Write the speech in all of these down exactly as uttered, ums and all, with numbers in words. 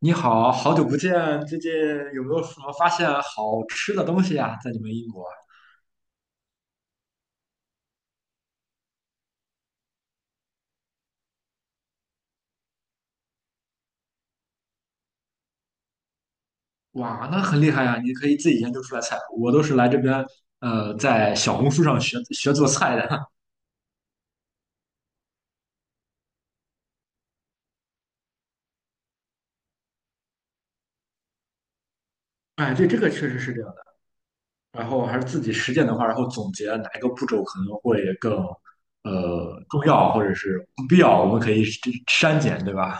你好，好久不见，最近有没有什么发现好吃的东西呀？在你们英国？哇，那很厉害呀，你可以自己研究出来菜。我都是来这边，呃，在小红书上学学做菜的。哎，对，这个确实是这样的。然后还是自己实践的话，然后总结哪一个步骤可能会更，呃，重要，或者是不必要，我们可以删减，对吧？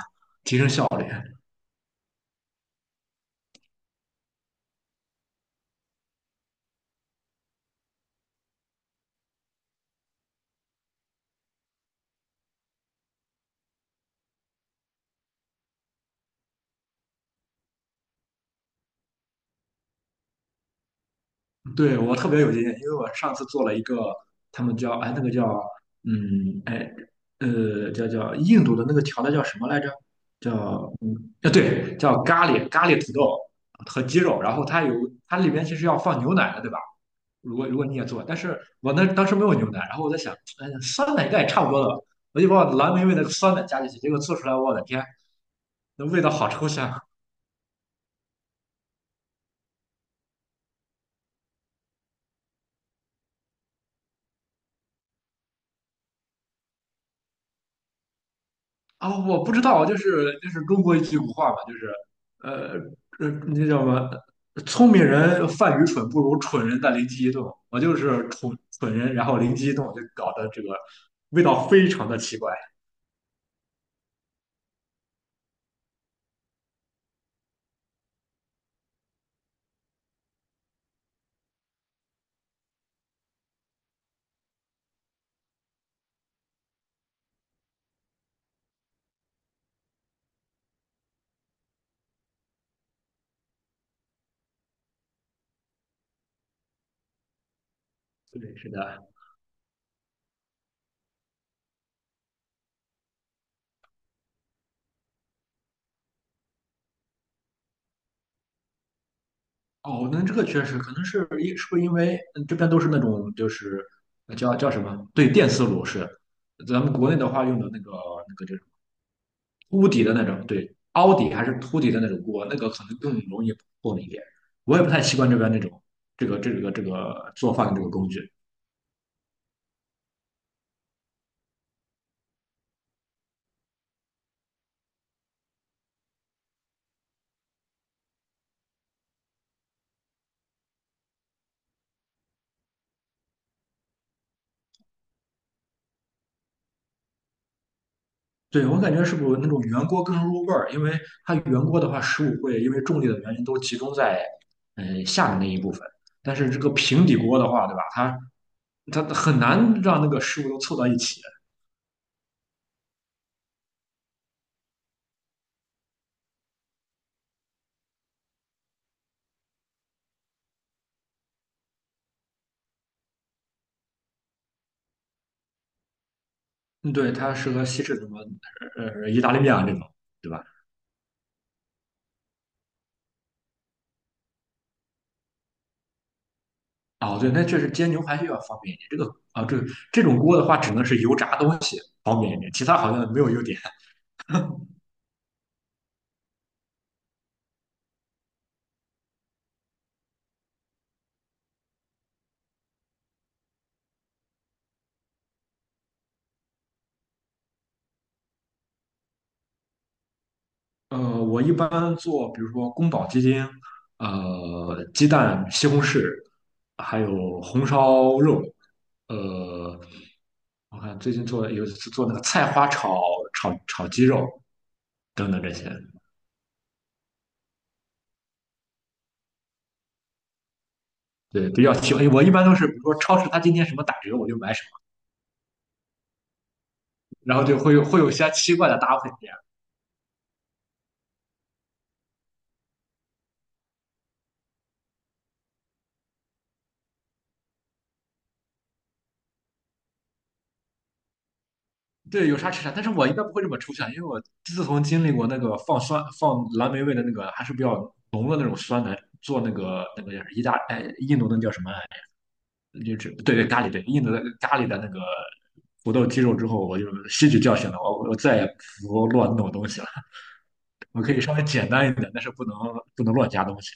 对，我特别有经验，因为我上次做了一个，他们叫哎那个叫嗯哎呃叫叫印度的那个调料叫什么来着？叫嗯啊对，叫咖喱，咖喱土豆和鸡肉，然后它有它里边其实要放牛奶的，对吧？如果如果你也做，但是我那当时没有牛奶，然后我在想，哎酸奶应该也差不多了吧，我就把我蓝莓味的酸奶加进去，结果做出来，我的天，那味道好抽象。啊，我不知道，就是就是中国一句古话嘛，就是呃呃，那叫什么？聪明人犯愚蠢，不如蠢人的灵机一动。我就是蠢蠢人，然后灵机一动，就搞得这个味道非常的奇怪。对，是的。哦，那这个确实可能是因是不是因为嗯这边都是那种就是呃叫叫什么？对，电磁炉是。咱们国内的话用的那个那个就是。凸底的那种，对，凹底还是凸底的那种锅，那个可能更容易破了一点。我也不太习惯这边那种这个这个这个做饭的这个工具。对，我感觉是不是那种圆锅更入味儿？因为它圆锅的话，食物会因为重力的原因都集中在呃下面那一部分，但是这个平底锅的话，对吧？它它很难让那个食物都凑到一起。嗯对，它适合西式什么呃意大利面啊这种，对吧？哦，对，那确实煎牛排就要方便一点。这个啊，这这种锅的话，只能是油炸东西方便一点，其他好像没有优点。呃，我一般做，比如说宫保鸡丁，呃，鸡蛋、西红柿，还有红烧肉。呃，我看最近做有一次做那个菜花炒炒炒鸡肉等等这些，对，比较喜欢。我一般都是，比如说超市它今天什么打折，我就买什么，然后就会有会有些奇怪的搭配。对，有啥吃啥，但是我应该不会这么抽象，因为我自从经历过那个放酸、放蓝莓味的那个，还是比较浓的那种酸奶，做那个那个叫意大哎印度那叫什么来着，就是对对咖喱，对，印度的咖喱的那个土豆鸡肉之后，我就吸取教训了，我我再也不乱弄东西了，我可以稍微简单一点，但是不能不能乱加东西。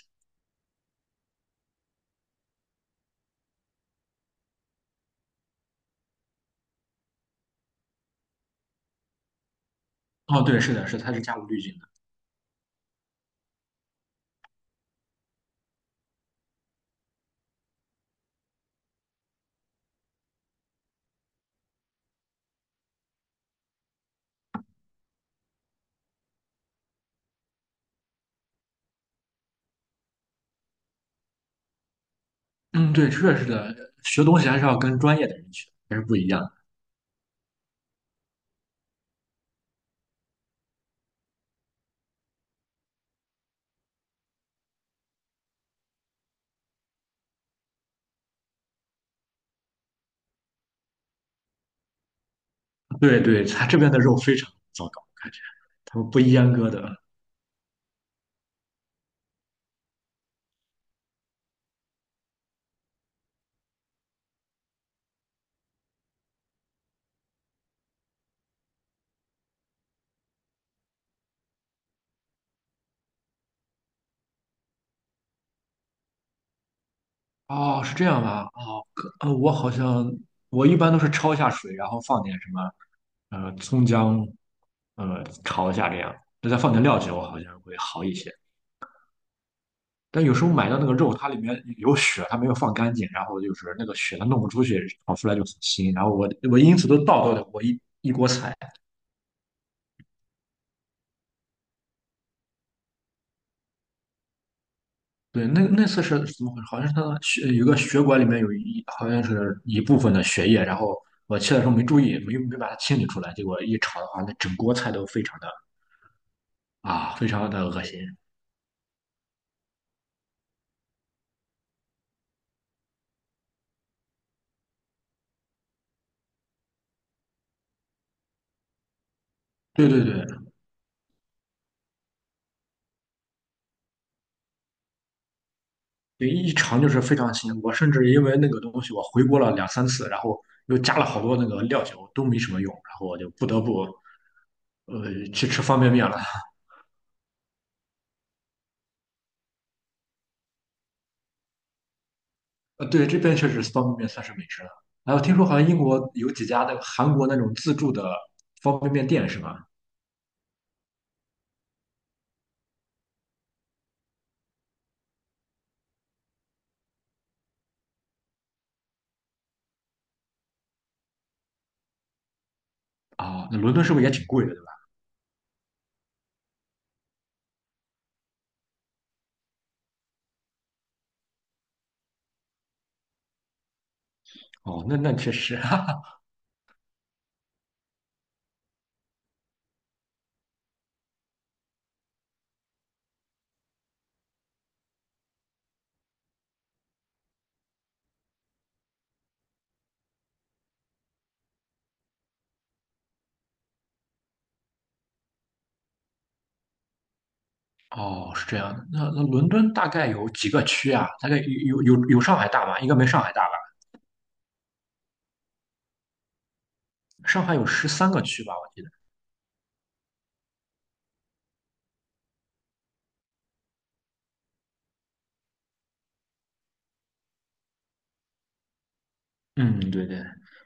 哦，对，是的，是的它是加入滤镜的。嗯，对，确实是的，学东西还是要跟专业的人学，还是不一样的。对对，它这边的肉非常糟糕，感觉他们不阉割的。哦，是这样吧？哦，可呃，我好像我一般都是焯一下水，然后放点什么呃葱姜，呃炒一下这样，再放点料酒，好像会好一些。但有时候买到那个肉，它里面有血，它没有放干净，然后就是那个血它弄不出去，炒出来就很腥。然后我我因此都倒掉了我一一锅菜。对，那那次是怎么回事？好像是他的血有个血管里面有一好像是一部分的血液，然后我切的时候没注意，没没把它清理出来，结果一炒的话，那整锅菜都非常的啊，非常的恶心。对对对，对一尝就是非常腥。我甚至因为那个东西，我回锅了两三次，然后又加了好多那个料酒，都没什么用，然后我就不得不呃去吃方便面了。呃，对，这边确实方便面算是美食了。然后听说好像英国有几家那个韩国那种自助的方便面店是吧？哦，那伦敦是不是也挺贵的，对吧？哦，那那确实，哈哈。哦，是这样的。那那伦敦大概有几个区啊？大概有有有有上海大吧？应该没上海大吧？上海有十三个区吧，我记得。嗯，对对。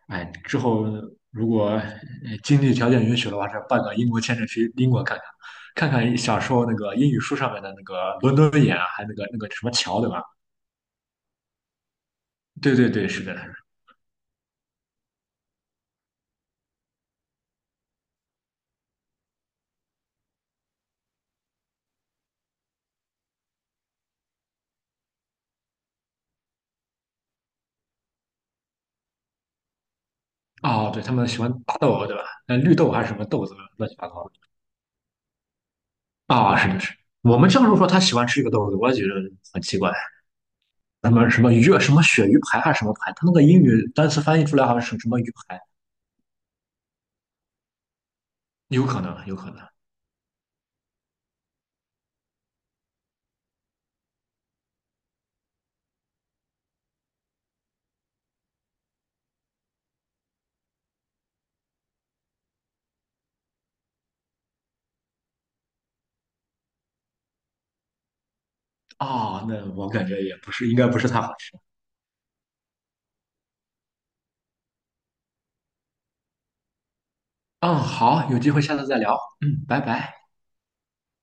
哎，之后如果呃经济条件允许的话，这办个英国签证去英国看看，看看小时候那个英语书上面的那个伦敦眼啊，还有那个那个什么桥，对吧？对对对，是的。哦，对，他们喜欢大豆，对吧？那绿豆还是什么豆子，乱七八糟的。啊，是的是。我们这授说，他喜欢吃这个豆子，我也觉得很奇怪。什么什么鱼啊什么鳕鱼排还是什么排？他那个英语单词翻译出来好像是什么鱼排，有可能，有可能。啊，那我感觉也不是，应该不是太好吃。嗯，好，有机会下次再聊。嗯，拜拜。